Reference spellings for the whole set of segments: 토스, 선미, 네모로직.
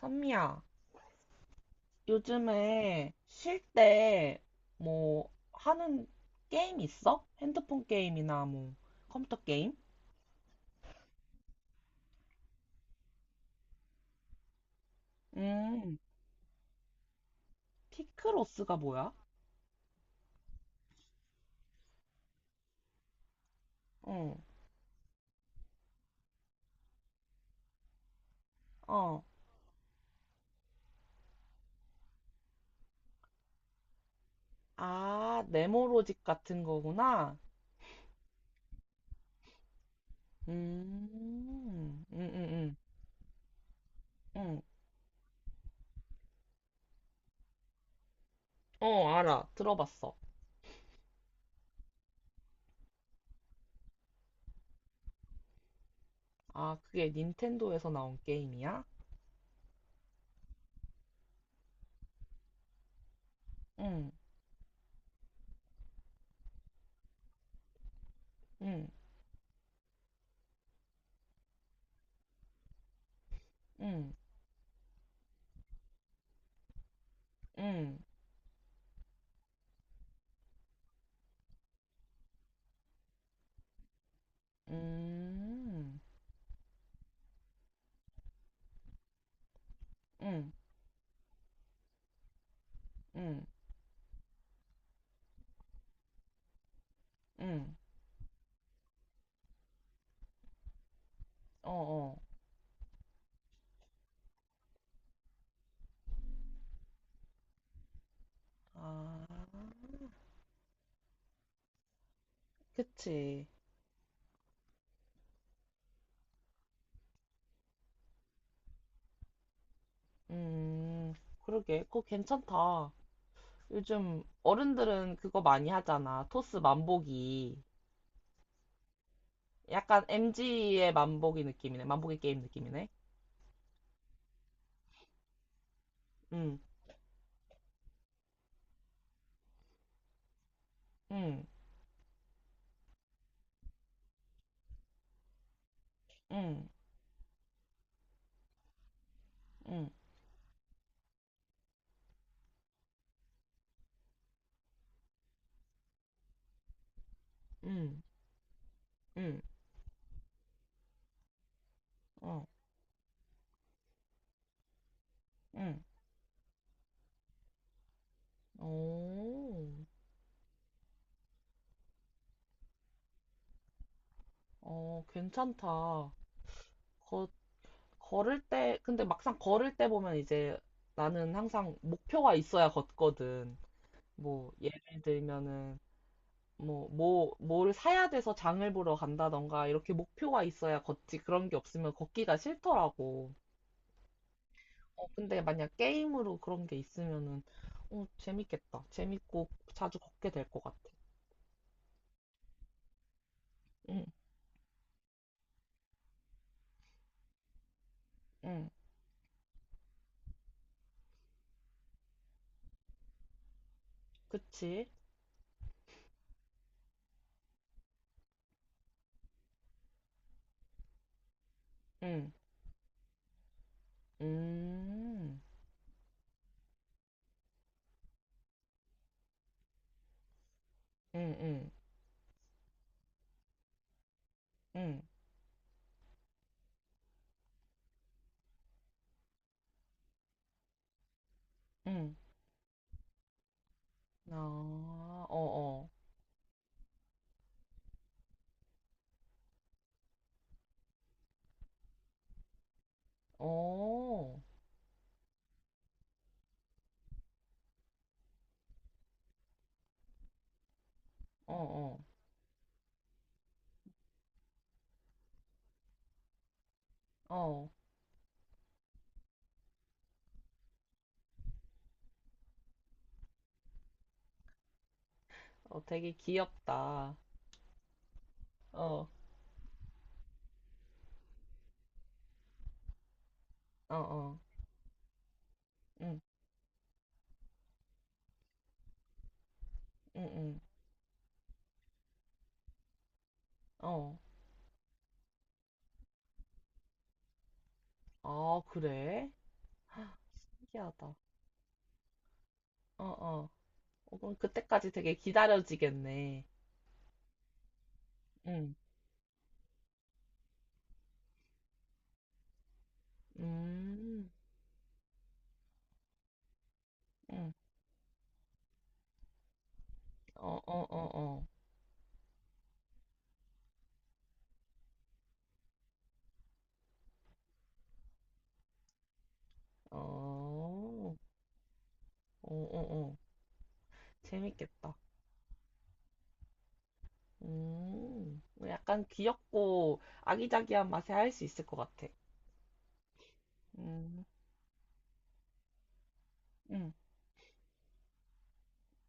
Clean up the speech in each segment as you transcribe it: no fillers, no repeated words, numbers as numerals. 선미야, 요즘에 쉴 때 뭐 하는 게임 있어? 핸드폰 게임이나 뭐 컴퓨터 게임? 음, 피크로스가 뭐야? 응, 어. 아, 네모로직 같은 거구나. 음, 음, 음, 음, 음. 어, 알아. 들어봤어. 아, 그게 닌텐도에서 나온 게임이야? 응, 응, 응, 응, 응, 응, 응, 응, 응, 어, 어. 아, 그치. 음, 그러게. 그거 괜찮다. 요즘 어른들은 그거 많이 하잖아. 토스 만보기. 약간 MG의 만보기 느낌이네. 만보기 게임 느낌이네. 응, 응, 응, 응, 응, 응, 어, 응. 오, 어, 괜찮다. 거, 걸을 때, 근데 막상 걸을 때 보면 이제 나는 항상 목표가 있어야 걷거든. 뭐, 예를 들면은, 뭘 사야 돼서 장을 보러 간다던가, 이렇게 목표가 있어야 걷지. 그런 게 없으면 걷기가 싫더라고. 어, 근데 만약 게임으로 그런 게 있으면은, 어, 재밌겠다. 재밌고 자주 걷게 될 것 같아. 응, 응, 그치? 응, 음, 응, 응, 응, 응. 아, 어, 어, 어, 어, 어, 어, 어, 되게 귀엽다. 어, 어, 어, 응, 응, 응, 어. 아, 그래? 신기하다. 어, 어. 어, 그럼 그때까지 되게 기다려지겠네. 응, 음, 응. 어, 어, 어, 어. 어, 어, 어, 어. 재밌겠다. 약간 귀엽고 아기자기한 맛에 할 수 있을 것 같아. 음, 음,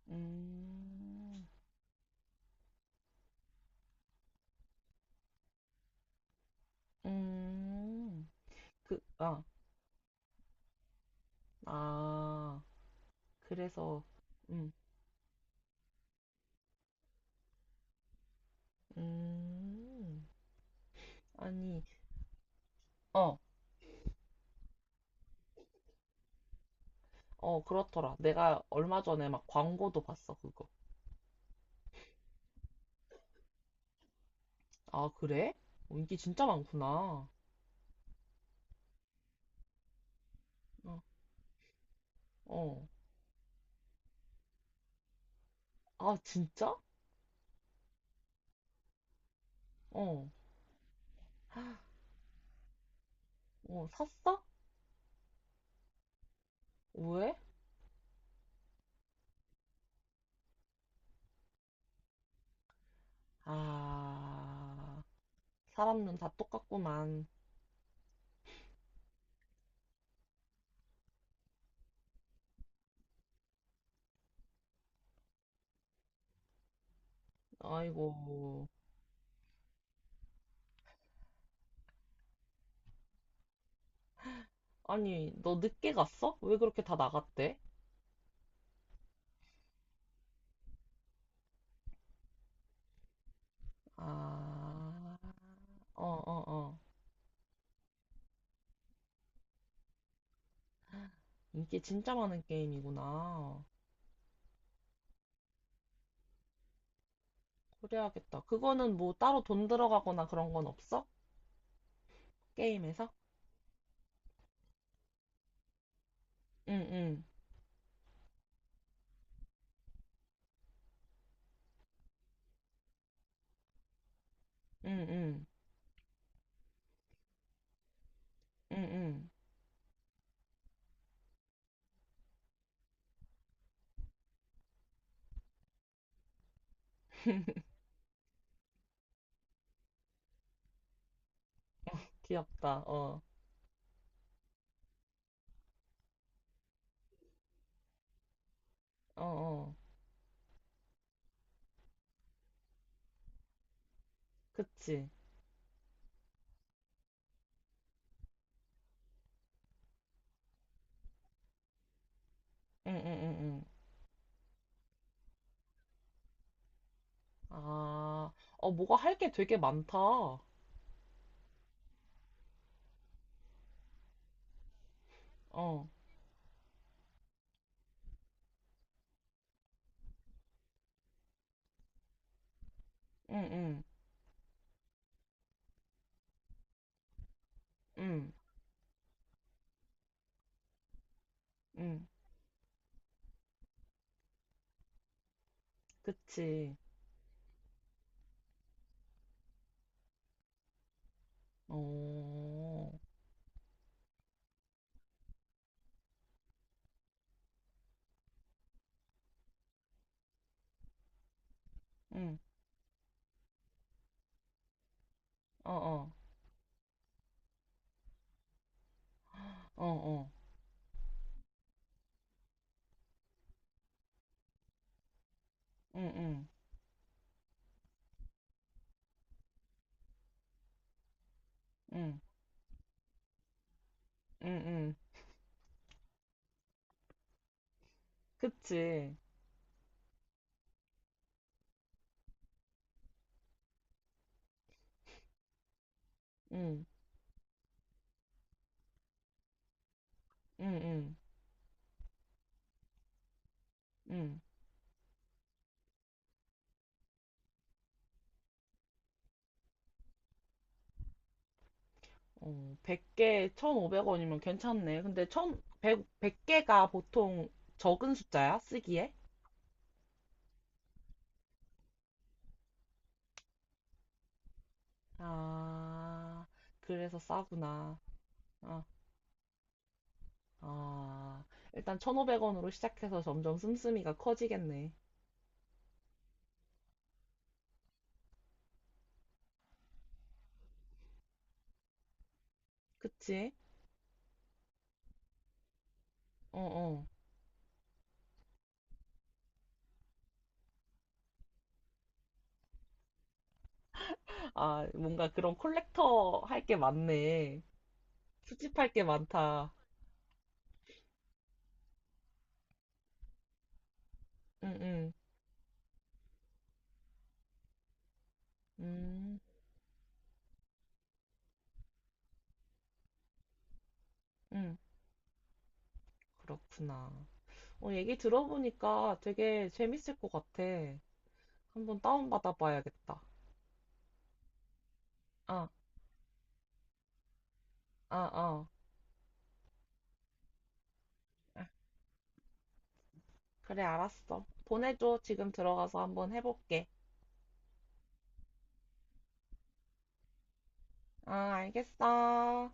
음, 음. 그, 아, 아. 그래서, 음, 음. 아니, 어. 어, 그렇더라. 내가 얼마 전에 막 광고도 봤어, 그거. 아, 그래? 어, 인기 진짜 많구나. 어, 어. 아, 진짜? 어, 어, 샀어? 왜? 아, 사람은 다 똑같구만. 아이고. 아니, 너 늦게 갔어? 왜 그렇게 다 나갔대? 아, 어, 어, 어. 인기 진짜 많은 게임이구나. 그래야겠다. 그거는 뭐 따로 돈 들어가거나 그런 건 없어? 게임에서? 응, 응, 응, 응. 응, 응. 귀엽다. 어, 어, 어. 그치. 응, 응, 응, 응. 아, 어, 뭐가 할게 되게 많다. 어, 응, 응, 응, 응. 그치. 어, 응, 어, 어, 어, 어. 응, 응, 응, 응, 응. 그치. 응, 응, 응, 응. 어, 100개, 1,500원이면 괜찮네. 근데 천 백백 100개가 보통 적은 숫자야? 쓰기에? 아, 그래서 싸구나. 아, 아. 일단 1,500원으로 시작해서 점점 씀씀이가 커지겠네. 그치? 어, 어. 아, 뭔가 그런 콜렉터 할 게 많네. 수집할 게 많다. 응, 응. 음, 응. 그렇구나. 어, 얘기 들어보니까 되게 재밌을 것 같아. 한번 다운받아 봐야겠다. 아, 아, 아. 아, 그래, 알았어. 보내줘. 지금 들어가서 한번 해볼게. 아, 알겠어.